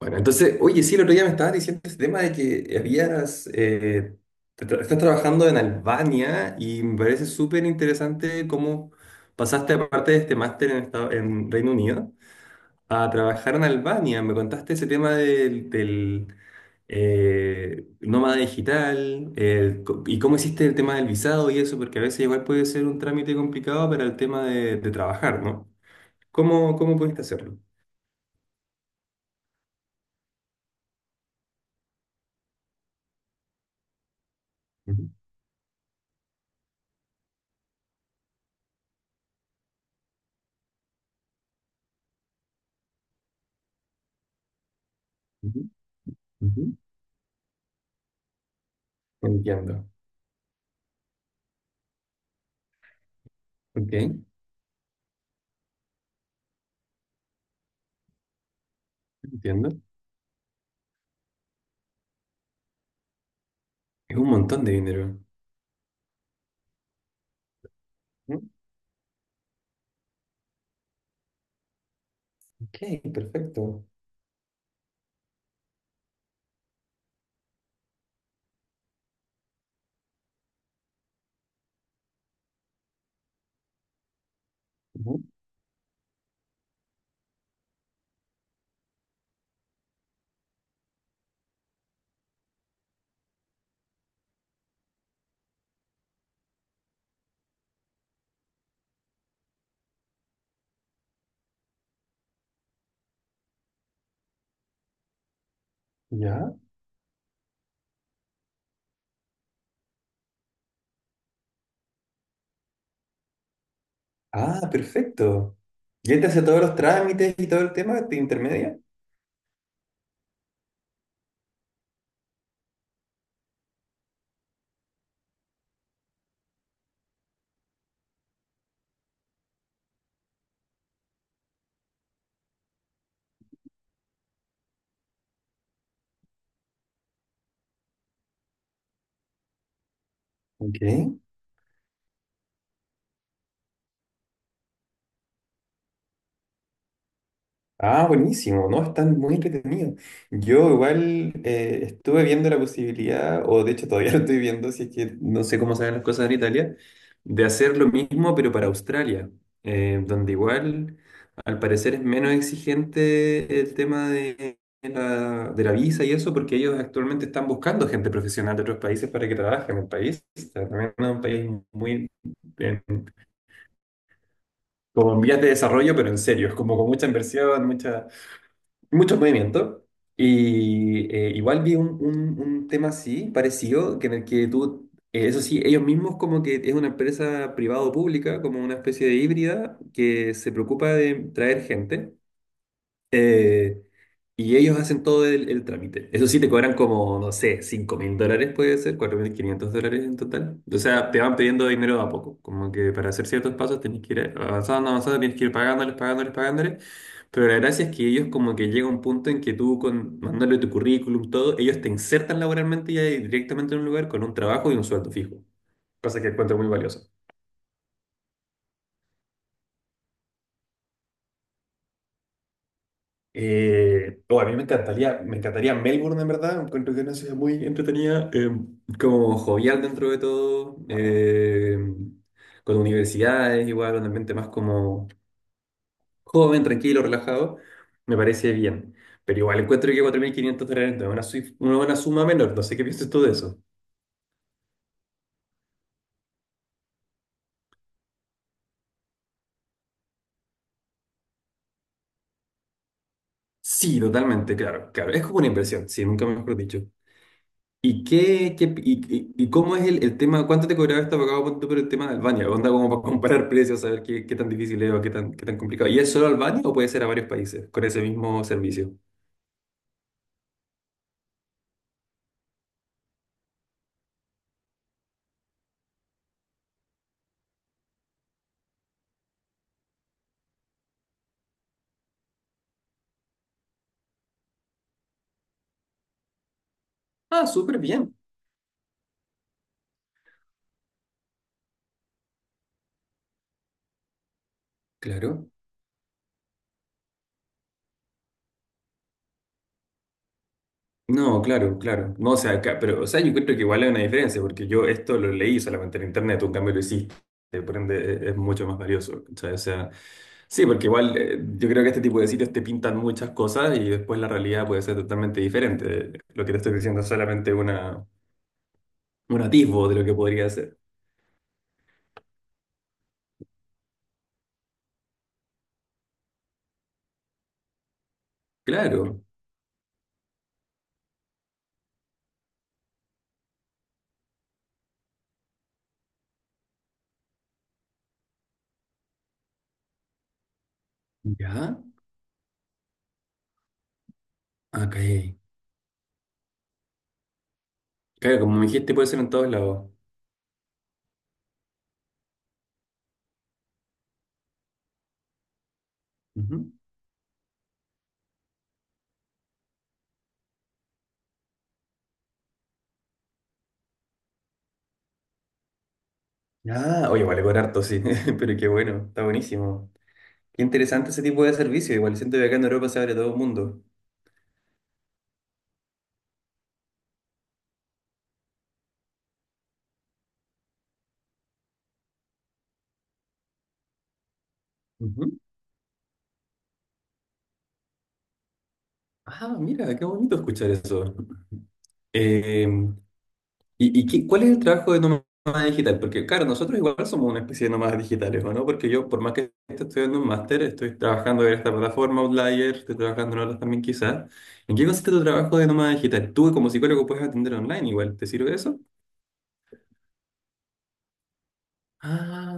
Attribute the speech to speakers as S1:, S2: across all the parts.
S1: Bueno, entonces, oye, sí, el otro día me estabas diciendo ese tema de que habías, estás trabajando en Albania y me parece súper interesante cómo pasaste, aparte de este máster en Reino Unido, a trabajar en Albania. Me contaste ese tema del nómada digital y cómo hiciste el tema del visado y eso, porque a veces igual puede ser un trámite complicado para el tema de trabajar, ¿no? ¿Cómo pudiste hacerlo? Ujú, ujú, ujú. Entiendo. Ok, entiendo. Es un montón de dinero. Mm, ok, perfecto. Ujú, ya. Ah, perfecto. ¿Y él te hace todos los trámites y todo el tema de intermedia? Ok. Ah, buenísimo, ¿no? Están muy entretenidos. Yo igual estuve viendo la posibilidad, o de hecho todavía lo estoy viendo, si es que no sé cómo se las cosas en Italia, de hacer lo mismo pero para Australia, donde igual al parecer es menos exigente el tema de de la visa y eso, porque ellos actualmente están buscando gente profesional de otros países para que trabaje en el país. O sea, también es un país muy, en- como en vías de desarrollo, pero en serio, es como con mucha inversión, mucha... mucho movimiento. Y igual vi un tema así, parecido, que en el que tú, eso sí, ellos mismos como que es una empresa privada o pública, como una especie de híbrida que se preocupa de traer gente. Eh, y ellos hacen todo el trámite. Eso sí, te cobran como, no sé, 5 mil dólares puede ser, 4.500 dólares en total. O sea, te van pidiendo dinero de a poco. Como que para hacer ciertos pasos tenés que ir avanzando, avanzando, tienes que ir pagándoles, pagándoles, pagándoles. Pero la gracia es que ellos como que llega un punto en que tú con, mandándole tu currículum, todo, ellos te insertan laboralmente ya directamente en un lugar con un trabajo y un sueldo fijo. Cosa que encuentro muy valiosa. Oh, a mí me encantaría Melbourne, en verdad. Encuentro que es una ciudad muy entretenida, como jovial dentro de todo, con universidades, igual, un ambiente más como joven, tranquilo, relajado. Me parece bien. Pero igual encuentro que 4.500 dólares no es una, una buena suma menor. No sé qué piensas tú de eso. Sí, totalmente, claro, claro. Es como una inversión, sí, nunca mejor dicho. ¿Y cómo es el tema? ¿Cuánto te cobraba este abogado punto por el tema de Albania? Onda como para comparar precios, saber qué tan difícil es o qué tan complicado. ¿Y es solo Albania o puede ser a varios países con ese mismo servicio? Ah, súper bien. Claro. No, claro, claro. No, o sea, pero, o sea, yo creo que igual hay una diferencia, porque yo esto lo leí solamente en internet, tú en cambio lo hiciste, por ende es mucho más valioso, ¿cachai? O sea, sí, porque igual yo creo que este tipo de sitios te pintan muchas cosas y después la realidad puede ser totalmente diferente. Lo que te estoy diciendo es solamente una, un atisbo de lo que podría ser. Claro. Ya. Ok. Claro, como me dijiste, puede ser en todos lados. Ujú. Ah, oye, vale, cobrar harto, sí, pero qué bueno, está buenísimo. Qué interesante ese tipo de servicio. Igual siento que acá en Europa se abre todo el mundo. Ujú. Ah, mira, qué bonito escuchar eso. Eh, ¿cuál es el trabajo de nómada digital? Porque, claro, nosotros igual somos una especie de nómadas digitales, ¿o no? Porque yo, por más que esté estudiando un máster, estoy trabajando en esta plataforma Outlier, estoy trabajando en otras también quizás. ¿En qué consiste tu trabajo de nómada digital? Tú como psicólogo puedes atender online igual, ¿te sirve eso? Ah,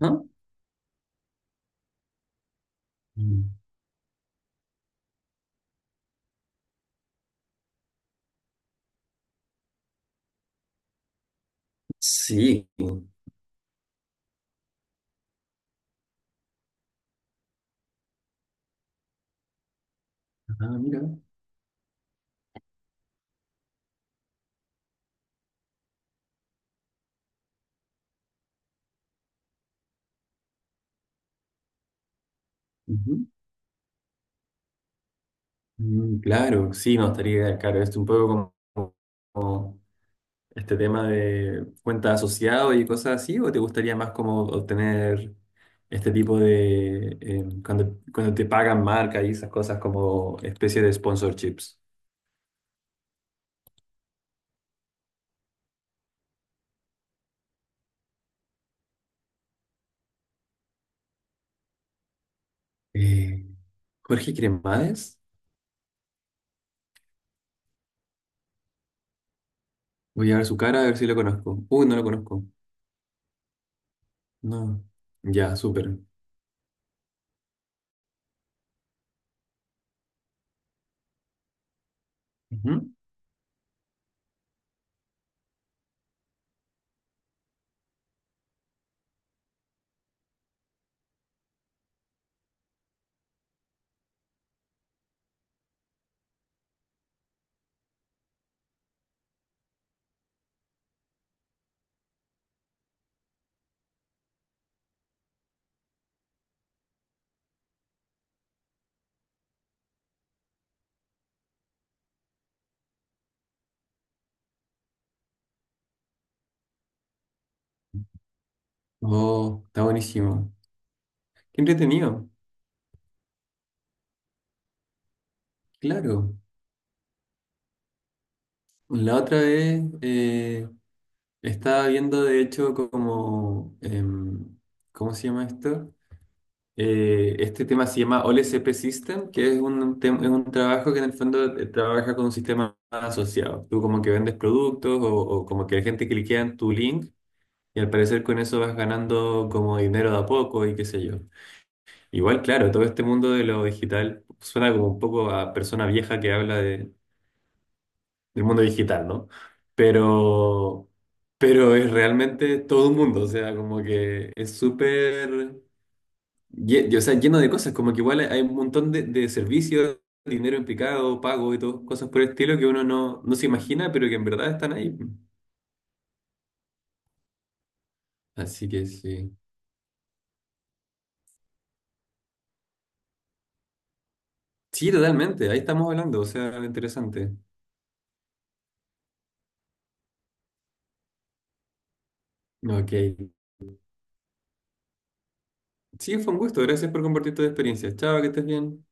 S1: ajá. Sí. Ah, mira. Ujú. Mm, claro, sí, no, estaría ideal, claro, es un poco como, como este tema de cuenta asociado y cosas así, ¿o te gustaría más como obtener este tipo de, cuando, cuando te pagan marca y esas cosas como especie de sponsorships? Eh, Jorge Cremades, voy a ver su cara a ver si lo conozco. Uy, no lo conozco. No. Ya, súper. Ujú. Oh, está buenísimo. Qué entretenido. Claro. La otra vez, estaba viendo, de hecho, como, em, ¿cómo se llama esto? Este tema se llama OLSP System, que es es un trabajo que en el fondo trabaja con un sistema asociado. Tú como que vendes productos o como que la gente cliquea en tu link y al parecer con eso vas ganando como dinero de a poco y qué sé yo. Igual, claro, todo este mundo de lo digital suena como un poco a persona vieja que habla de, el mundo digital, ¿no? Pero, pero es realmente todo un mundo, o sea, como que es súper, o sea, lleno de cosas, como que igual hay un montón de servicios, dinero implicado, pago y todo, cosas por el estilo que uno no, no se imagina, pero que en verdad están ahí. Pues. Así que sí. Sí, totalmente, ahí estamos hablando, o sea, interesante. Ok. Sí, fue un gusto, gracias por compartir tu experiencia. Chao, que estés bien.